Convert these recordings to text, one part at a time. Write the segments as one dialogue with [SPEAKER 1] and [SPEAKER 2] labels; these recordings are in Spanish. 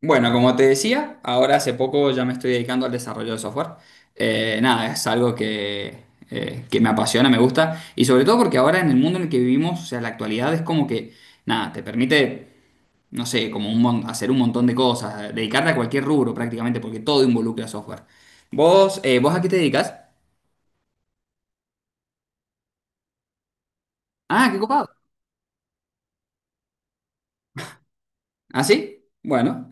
[SPEAKER 1] Bueno, como te decía, ahora hace poco ya me estoy dedicando al desarrollo de software. Nada, es algo que me apasiona, me gusta, y sobre todo porque ahora en el mundo en el que vivimos, o sea, la actualidad es como que, nada, te permite, no sé, como hacer un montón de cosas, dedicarte a cualquier rubro prácticamente, porque todo involucra software. ¿Vos a qué te dedicas? Ah, qué copado. ¿Ah, sí? Bueno,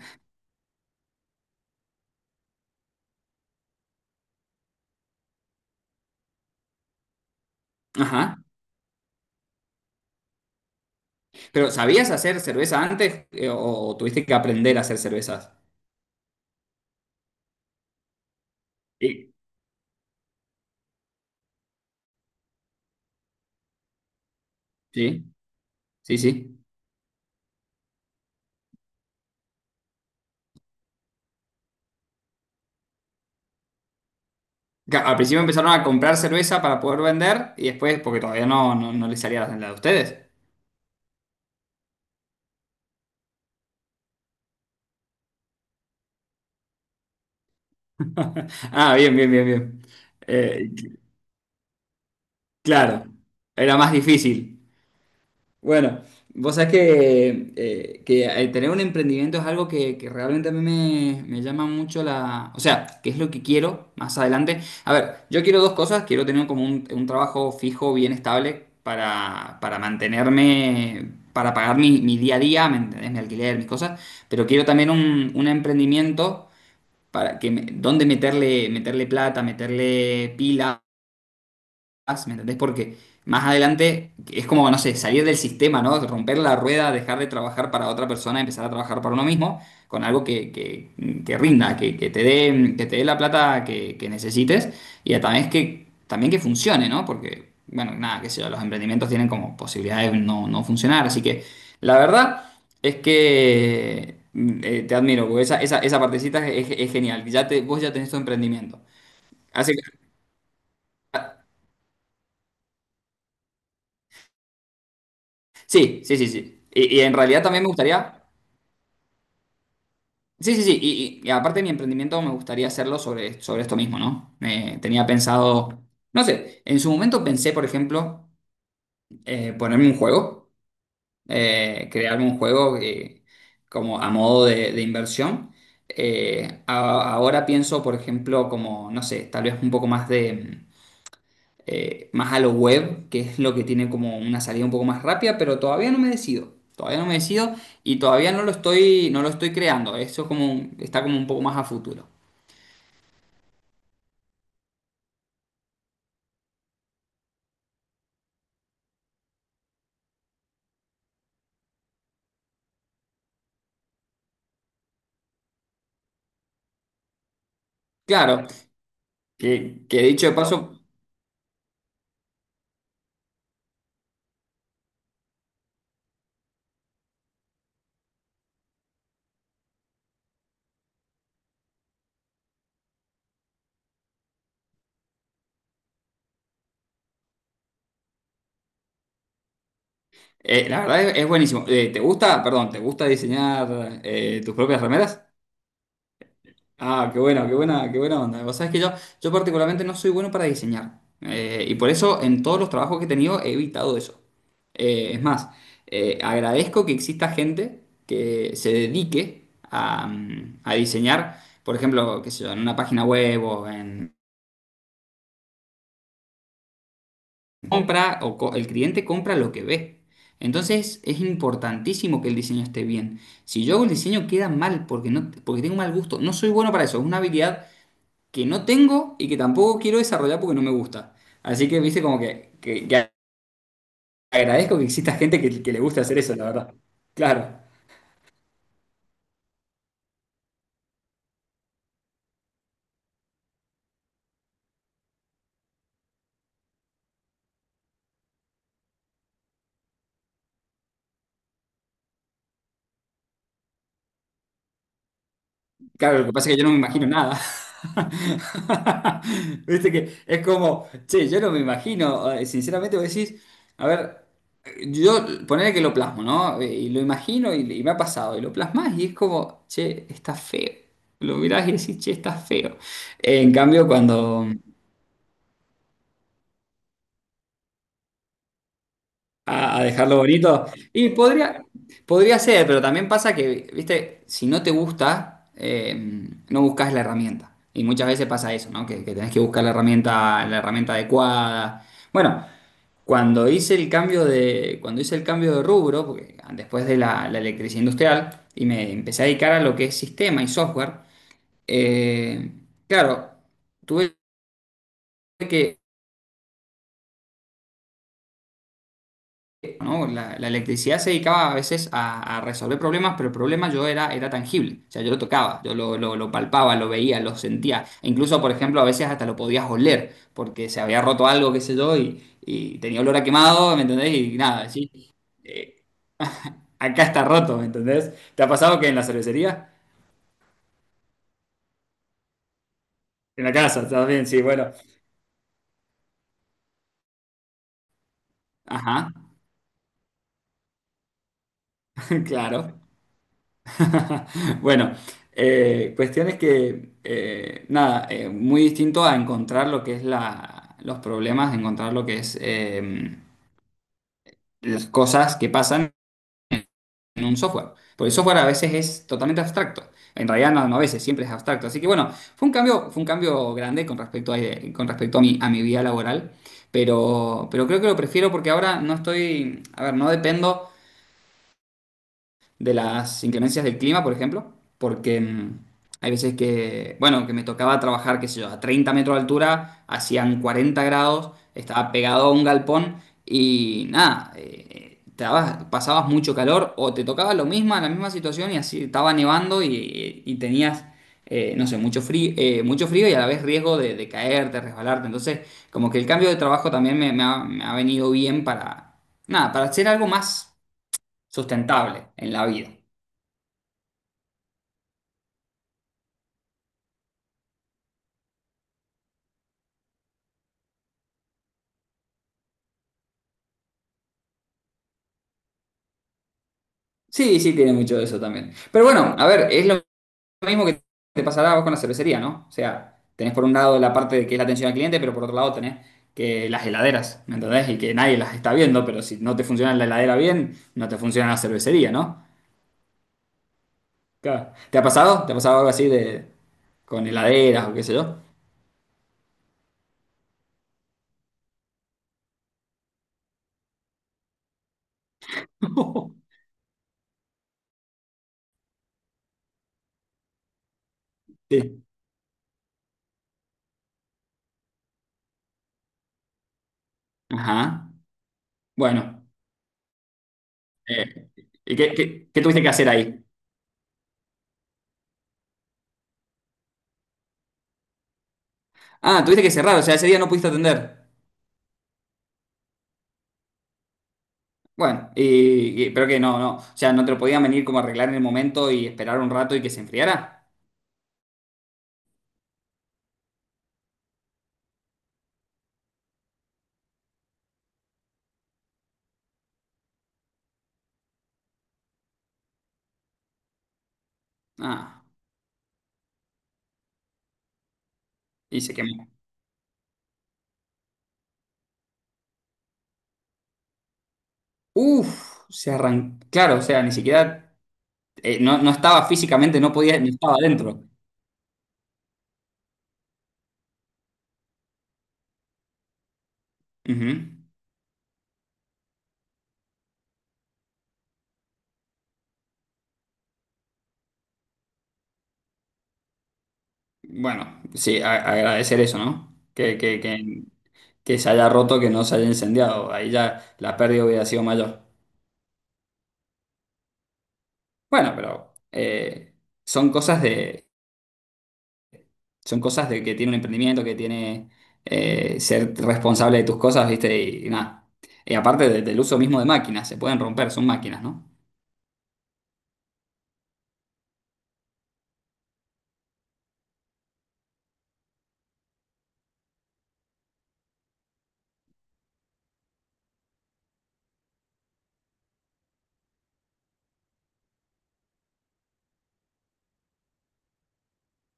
[SPEAKER 1] ajá. ¿Pero sabías hacer cerveza antes, o tuviste que aprender a hacer cervezas? Sí. Sí, sí, sí. Claro, al principio empezaron a comprar cerveza para poder vender y después, porque todavía no les salía la de ustedes. Ah, bien, bien, bien, bien. Eh, claro, era más difícil. Bueno, vos sabés que el tener un emprendimiento es algo que realmente a mí me llama mucho ¿O sea, que es lo que quiero más adelante? A ver, yo quiero dos cosas. Quiero tener como un trabajo fijo, bien estable, para mantenerme, para pagar mi día a día, ¿me entendés? Mi alquiler, mis cosas. Pero quiero también un emprendimiento donde meterle, plata, meterle pila más, ¿me entendés? Porque más adelante es como, no sé, salir del sistema, ¿no? Romper la rueda, dejar de trabajar para otra persona, empezar a trabajar para uno mismo, con algo que rinda, que te dé la plata que necesites y a también es que, también que funcione, ¿no? Porque, bueno, nada, qué sé yo, los emprendimientos tienen como posibilidades de no funcionar, así que la verdad es que te admiro, porque esa partecita es genial. Vos ya tenés tu emprendimiento. Sí, sí, sí, sí. Y en realidad también me gustaría. Sí, sí, sí. Y aparte de mi emprendimiento, me gustaría hacerlo sobre esto mismo, ¿no? Tenía pensado. No sé, en su momento pensé, por ejemplo, ponerme un juego, crearme un juego como a modo de inversión. Ahora pienso, por ejemplo, como, no sé, tal vez un poco más de, más a lo web, que es lo que tiene como una salida un poco más rápida, pero todavía no me decido. Todavía no me decido y todavía no lo estoy creando. Eso como está como un poco más a futuro. Claro, que dicho de no, paso, la verdad es buenísimo. ¿Te gusta, perdón, te gusta diseñar tus propias remeras? Ah, qué bueno, qué buena onda. Vos sabés que yo particularmente no soy bueno para diseñar. Y por eso en todos los trabajos que he tenido he evitado eso. Es más, agradezco que exista gente que se dedique a diseñar, por ejemplo, qué sé yo, en una página web o en compra, el cliente compra lo que ve. Entonces es importantísimo que el diseño esté bien. Si yo hago el diseño queda mal porque, no, porque tengo mal gusto. No soy bueno para eso. Es una habilidad que no tengo y que tampoco quiero desarrollar porque no me gusta. Así que, viste, como que agradezco que exista gente que le guste hacer eso, la verdad. Claro, claro, lo que pasa es que yo no me imagino nada. Viste que es como, che, yo no me imagino, sinceramente vos decís, a ver, yo poner que lo plasmo, ¿no? Y lo imagino y me ha pasado, y lo plasmas y es como, che, está feo. Lo mirás y decís, che, está feo. En cambio, cuando, a dejarlo bonito. Y podría ser, pero también pasa que, viste, si no te gusta, no buscas la herramienta. Y muchas veces pasa eso, ¿no? Que tenés que buscar la herramienta adecuada. Bueno, cuando hice el cambio de rubro, porque después de la electricidad industrial, y me empecé a dedicar a lo que es sistema y software. eh, claro, tuve que, ¿no? La electricidad se dedicaba a veces a resolver problemas, pero el problema yo era tangible, o sea, yo lo tocaba, yo lo palpaba, lo veía, lo sentía. E incluso, por ejemplo, a veces hasta lo podías oler, porque se había roto algo, qué sé yo, y tenía olor a quemado, ¿me entendés? Y nada, sí, eh, acá está roto, ¿me entendés? ¿Te ha pasado que en la cervecería? En la casa, también, sí, bueno, ajá, claro. Bueno, cuestiones que, nada, muy distinto a encontrar lo que es los problemas, encontrar lo que es las cosas que pasan en un software. Porque el software a veces es totalmente abstracto. En realidad no, no a veces, siempre es abstracto. Así que bueno, fue un cambio grande con respecto con respecto a a mi vida laboral. Pero creo que lo prefiero porque ahora no estoy, a ver, no dependo de las inclemencias del clima, por ejemplo, porque hay veces que, bueno, que me tocaba trabajar, qué sé yo, a 30 metros de altura, hacían 40 grados, estaba pegado a un galpón y nada, pasabas mucho calor o te tocaba lo mismo, la misma situación y así estaba nevando y tenías no sé, mucho frío y a la vez riesgo de caerte, resbalarte. Entonces, como que el cambio de trabajo también me ha venido bien para, nada, para hacer algo más sustentable en la vida. Sí, sí, tiene mucho de eso también. Pero bueno, a ver, es lo mismo que te pasará a vos con la cervecería, ¿no? O sea, tenés por un lado la parte de que es la atención al cliente, pero por otro lado tenés que las heladeras, ¿me entendés? Y que nadie las está viendo, pero si no te funciona la heladera bien, no te funciona la cervecería, ¿no? Claro. ¿Te ha pasado? ¿Te ha pasado algo así de con heladeras o qué sé yo? Sí. Ajá. Bueno. eh, ¿Y qué tuviste que hacer ahí? Ah, tuviste que cerrar, o sea, ese día no pudiste atender. Bueno, pero que no, no. O sea, no te lo podían venir como a arreglar en el momento y esperar un rato y que se enfriara. Ah, y se quemó. Uf, se arrancó. Claro, o sea, ni siquiera, no, no estaba físicamente, no podía, no estaba adentro. Ujú. Bueno, sí, agradecer eso, ¿no? Que se haya roto, que no se haya incendiado. Ahí ya la pérdida hubiera sido mayor. Bueno, pero son cosas de, son cosas de que tiene un emprendimiento, que tiene ser responsable de tus cosas, ¿viste? Y nada. Y aparte del uso mismo de máquinas, se pueden romper, son máquinas, ¿no?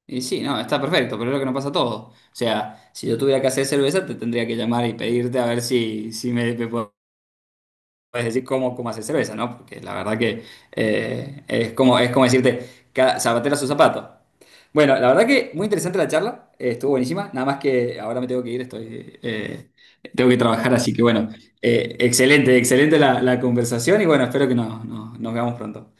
[SPEAKER 1] Y sí, no, está perfecto, pero es lo que no pasa todo. O sea, si yo tuviera que hacer cerveza, te tendría que llamar y pedirte a ver si me, podés Puedes decir cómo hacer cerveza, ¿no? Porque la verdad que es como decirte, cada zapatero a su zapato. Bueno, la verdad que muy interesante la charla, estuvo buenísima, nada más que ahora me tengo que ir, tengo que trabajar, así que bueno, excelente, excelente la conversación y bueno, espero que nos veamos pronto.